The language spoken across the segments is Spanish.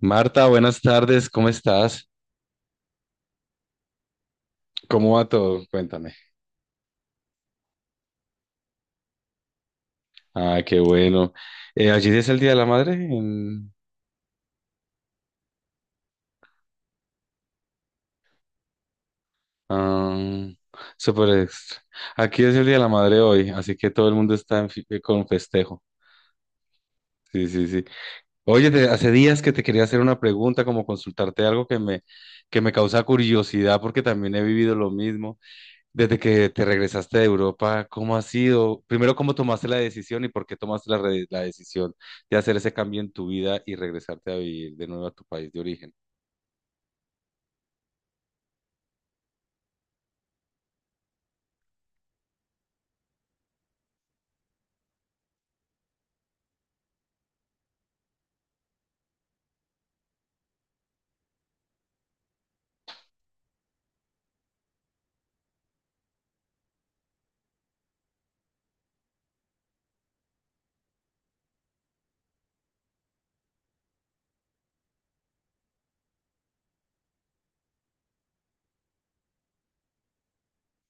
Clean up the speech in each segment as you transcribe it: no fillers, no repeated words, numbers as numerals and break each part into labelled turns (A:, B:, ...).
A: Marta, buenas tardes, ¿cómo estás? ¿Cómo va todo? Cuéntame. Ah, qué bueno. Allí es el Día de la Madre ah, Super Extra. Aquí es el Día de la Madre hoy, así que todo el mundo está con festejo. Sí, sí, sí. Oye, hace días que te quería hacer una pregunta, como consultarte algo que me causa curiosidad, porque también he vivido lo mismo. Desde que te regresaste de Europa, ¿cómo ha sido? Primero, ¿cómo tomaste la decisión y por qué tomaste la decisión de hacer ese cambio en tu vida y regresarte a vivir de nuevo a tu país de origen?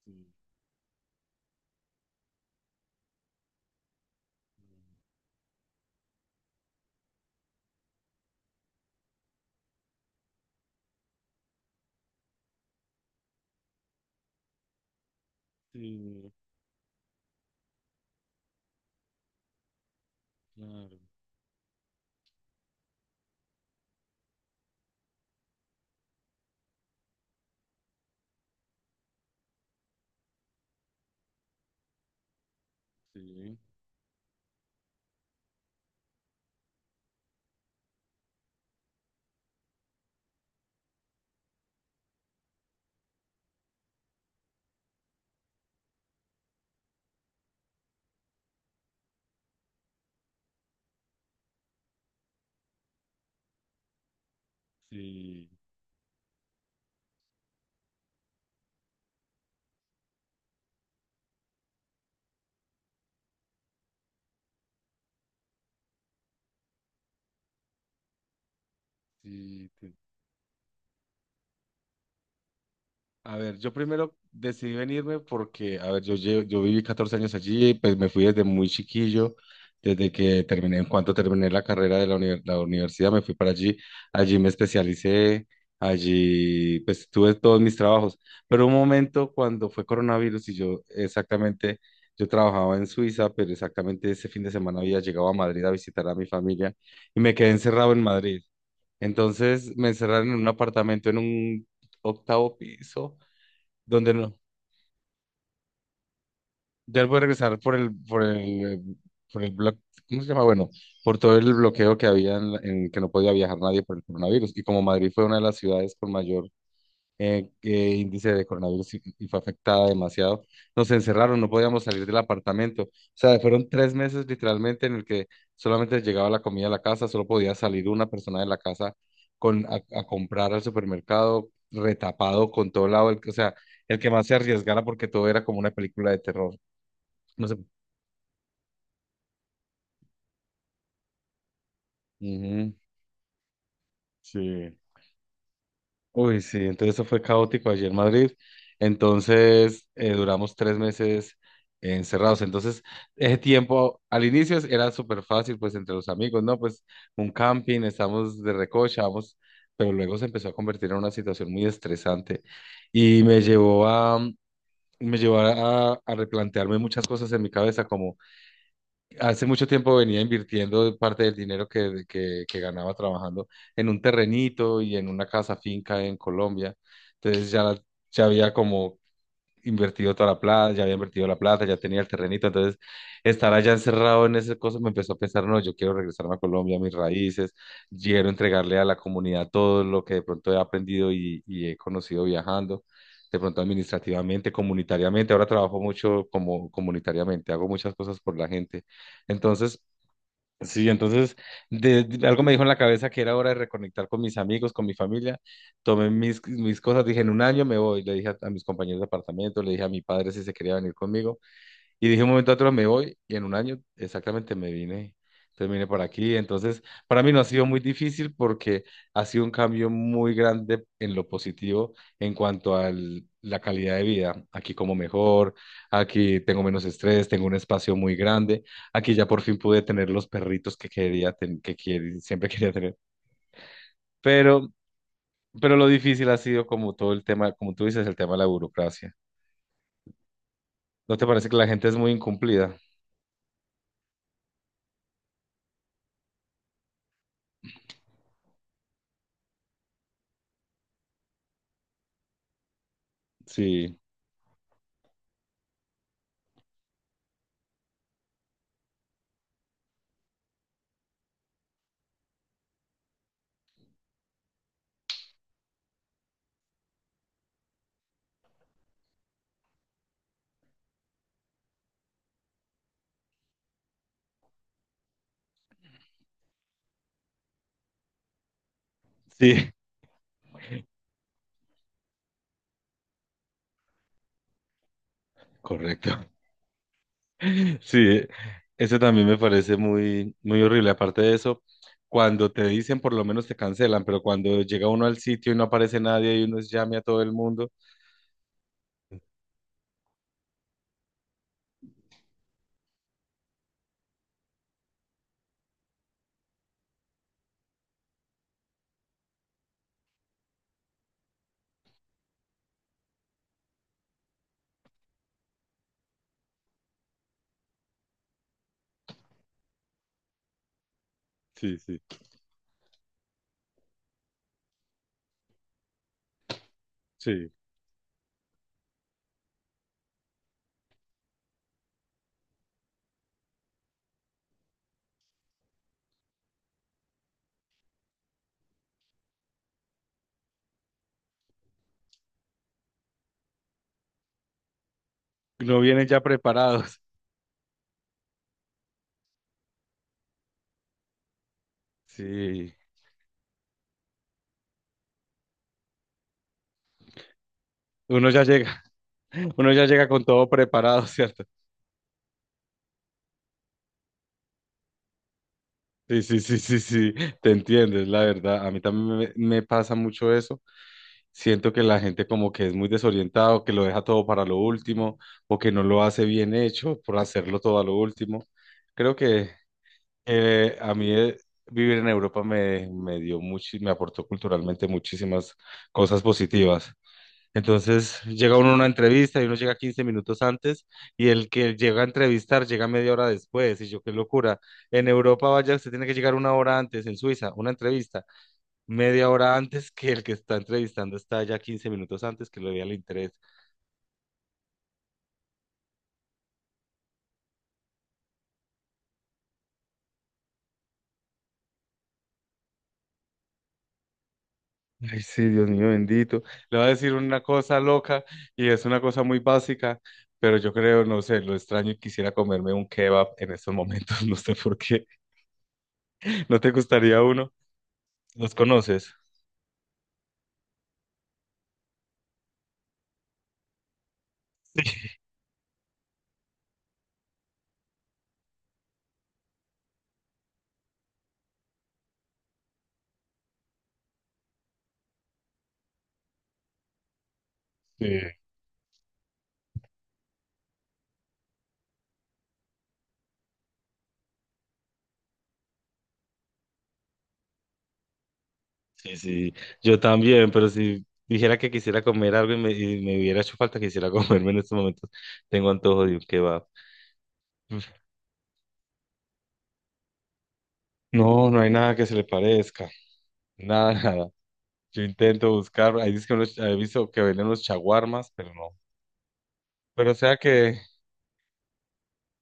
A: Sí, sí, claro, sí, sí, sí. A ver, yo primero decidí venirme porque, a ver, yo viví 14 años allí, pues me fui desde muy chiquillo, desde que terminé, en cuanto terminé la carrera de la universidad, me fui para allí, allí me especialicé, allí pues tuve todos mis trabajos, pero un momento cuando fue coronavirus y yo exactamente, yo trabajaba en Suiza, pero exactamente ese fin de semana había llegado a Madrid a visitar a mi familia y me quedé encerrado en Madrid. Entonces me encerraron en un apartamento en un octavo piso donde no, ya él puede regresar eh, por el bloque, ¿cómo se llama? Bueno, por todo el bloqueo que había en que no podía viajar nadie por el coronavirus. Y como Madrid fue una de las ciudades con mayor índice de coronavirus y fue afectada demasiado. Nos encerraron, no podíamos salir del apartamento. O sea, fueron 3 meses literalmente en el que solamente llegaba la comida a la casa, solo podía salir una persona de la casa con, a comprar al supermercado, retapado con todo lado, o sea, el que más se arriesgara porque todo era como una película de terror. No sé. Ujú, sí. Uy, sí, entonces eso fue caótico allí en Madrid. Entonces duramos 3 meses encerrados. Entonces, ese tiempo al inicio era súper fácil, pues entre los amigos, ¿no? Pues un camping, estamos de recocha, vamos, pero luego se empezó a convertir en una situación muy estresante y me llevó a replantearme muchas cosas en mi cabeza, como hace mucho tiempo venía invirtiendo parte del dinero que ganaba trabajando en un terrenito y en una casa finca en Colombia. Entonces ya había como invertido toda la plata, ya había invertido la plata, ya tenía el terrenito, entonces estar allá encerrado en ese cosa me empezó a pensar, no, yo quiero regresarme a Colombia, a mis raíces, quiero entregarle a la comunidad todo lo que de pronto he aprendido y he conocido viajando, de pronto administrativamente, comunitariamente, ahora trabajo mucho como comunitariamente, hago muchas cosas por la gente, entonces... Sí, entonces algo me dijo en la cabeza que era hora de reconectar con mis amigos, con mi familia. Tomé mis cosas, dije, en un año me voy. Le dije a mis compañeros de apartamento, le dije a mi padre si se quería venir conmigo. Y dije un momento a otro me voy y en un año exactamente me vine, entonces vine por aquí. Entonces, para mí no ha sido muy difícil porque ha sido un cambio muy grande en lo positivo en cuanto a la calidad de vida. Aquí como mejor, aquí tengo menos estrés, tengo un espacio muy grande, aquí ya por fin pude tener los perritos que quería, siempre quería tener. Pero, pero lo difícil ha sido como todo el tema, como tú dices, el tema de la burocracia. ¿No te parece que la gente es muy incumplida? Sí, sí, correcto. Sí, eso también me parece muy, muy horrible. Aparte de eso, cuando te dicen, por lo menos te cancelan, pero cuando llega uno al sitio y no aparece nadie y uno llame a todo el mundo, sí, sí, sí. No vienen ya preparados. Sí, uno ya llega, uno ya llega con todo preparado, ¿cierto? Sí, sí, sí, sí, sí, te entiendes, la verdad. A mí también me pasa mucho eso. Siento que la gente como que es muy desorientado, que lo deja todo para lo último o que no lo hace bien hecho por hacerlo todo a lo último. Creo que a mí vivir en Europa me dio mucho, me aportó culturalmente muchísimas cosas positivas. Entonces llega uno a una entrevista y uno llega 15 minutos antes y el que llega a entrevistar llega media hora después. Y yo, qué locura. En Europa, vaya, usted tiene que llegar una hora antes, en Suiza, una entrevista media hora antes que el que está entrevistando está ya 15 minutos antes que lo vea el interés. Ay, sí, Dios mío bendito. Le va a decir una cosa loca y es una cosa muy básica, pero yo creo, no sé, lo extraño y quisiera comerme un kebab en estos momentos, no sé por qué. ¿No te gustaría uno? ¿Los conoces? Sí, sí, sí, yo también, pero si dijera que quisiera comer algo y me hubiera hecho falta, quisiera comerme en estos momentos, tengo antojo de un kebab. No, no hay nada que se le parezca, nada, nada. Yo intento buscar, ahí dice que he visto que venden los chaguarmas, pero no. Pero o sea que,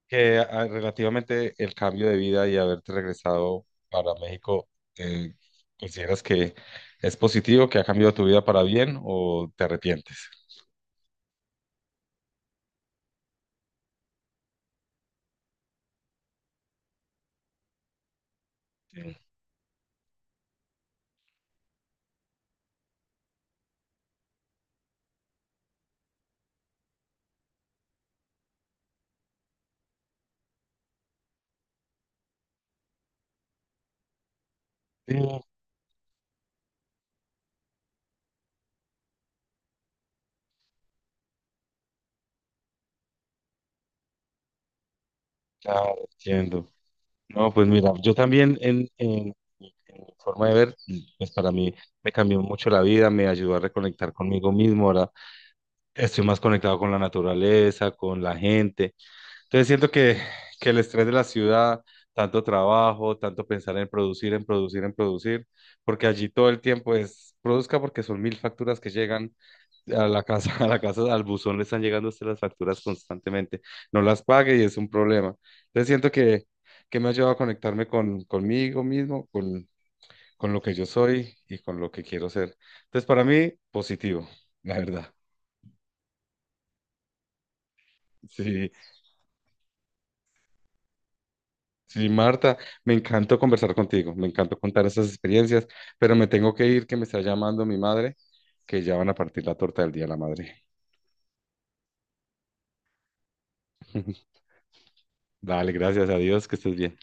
A: que ah, relativamente el cambio de vida y haberte regresado para México, eh, ¿consideras que es positivo, que ha cambiado tu vida para bien o te arrepientes? Sí, sí, claro, entiendo. No, pues mira, yo también en mi forma de ver, pues para mí me cambió mucho la vida, me ayudó a reconectar conmigo mismo, ahora estoy más conectado con la naturaleza, con la gente. Entonces siento que el estrés de la ciudad, tanto trabajo, tanto pensar en producir, en producir, en producir, porque allí todo el tiempo es produzca porque son mil facturas que llegan a la casa, a la casa, al buzón le están llegando a usted las facturas constantemente, no las pague y es un problema. Entonces siento que me ha ayudado a conectarme conmigo mismo, con lo que yo soy y con lo que quiero ser. Entonces para mí, positivo, la verdad. Sí, sí, Marta, me encantó conversar contigo, me encantó contar esas experiencias, pero me tengo que ir, que me está llamando mi madre, que ya van a partir la torta del Día de la Madre. Dale, gracias a Dios, que estés bien.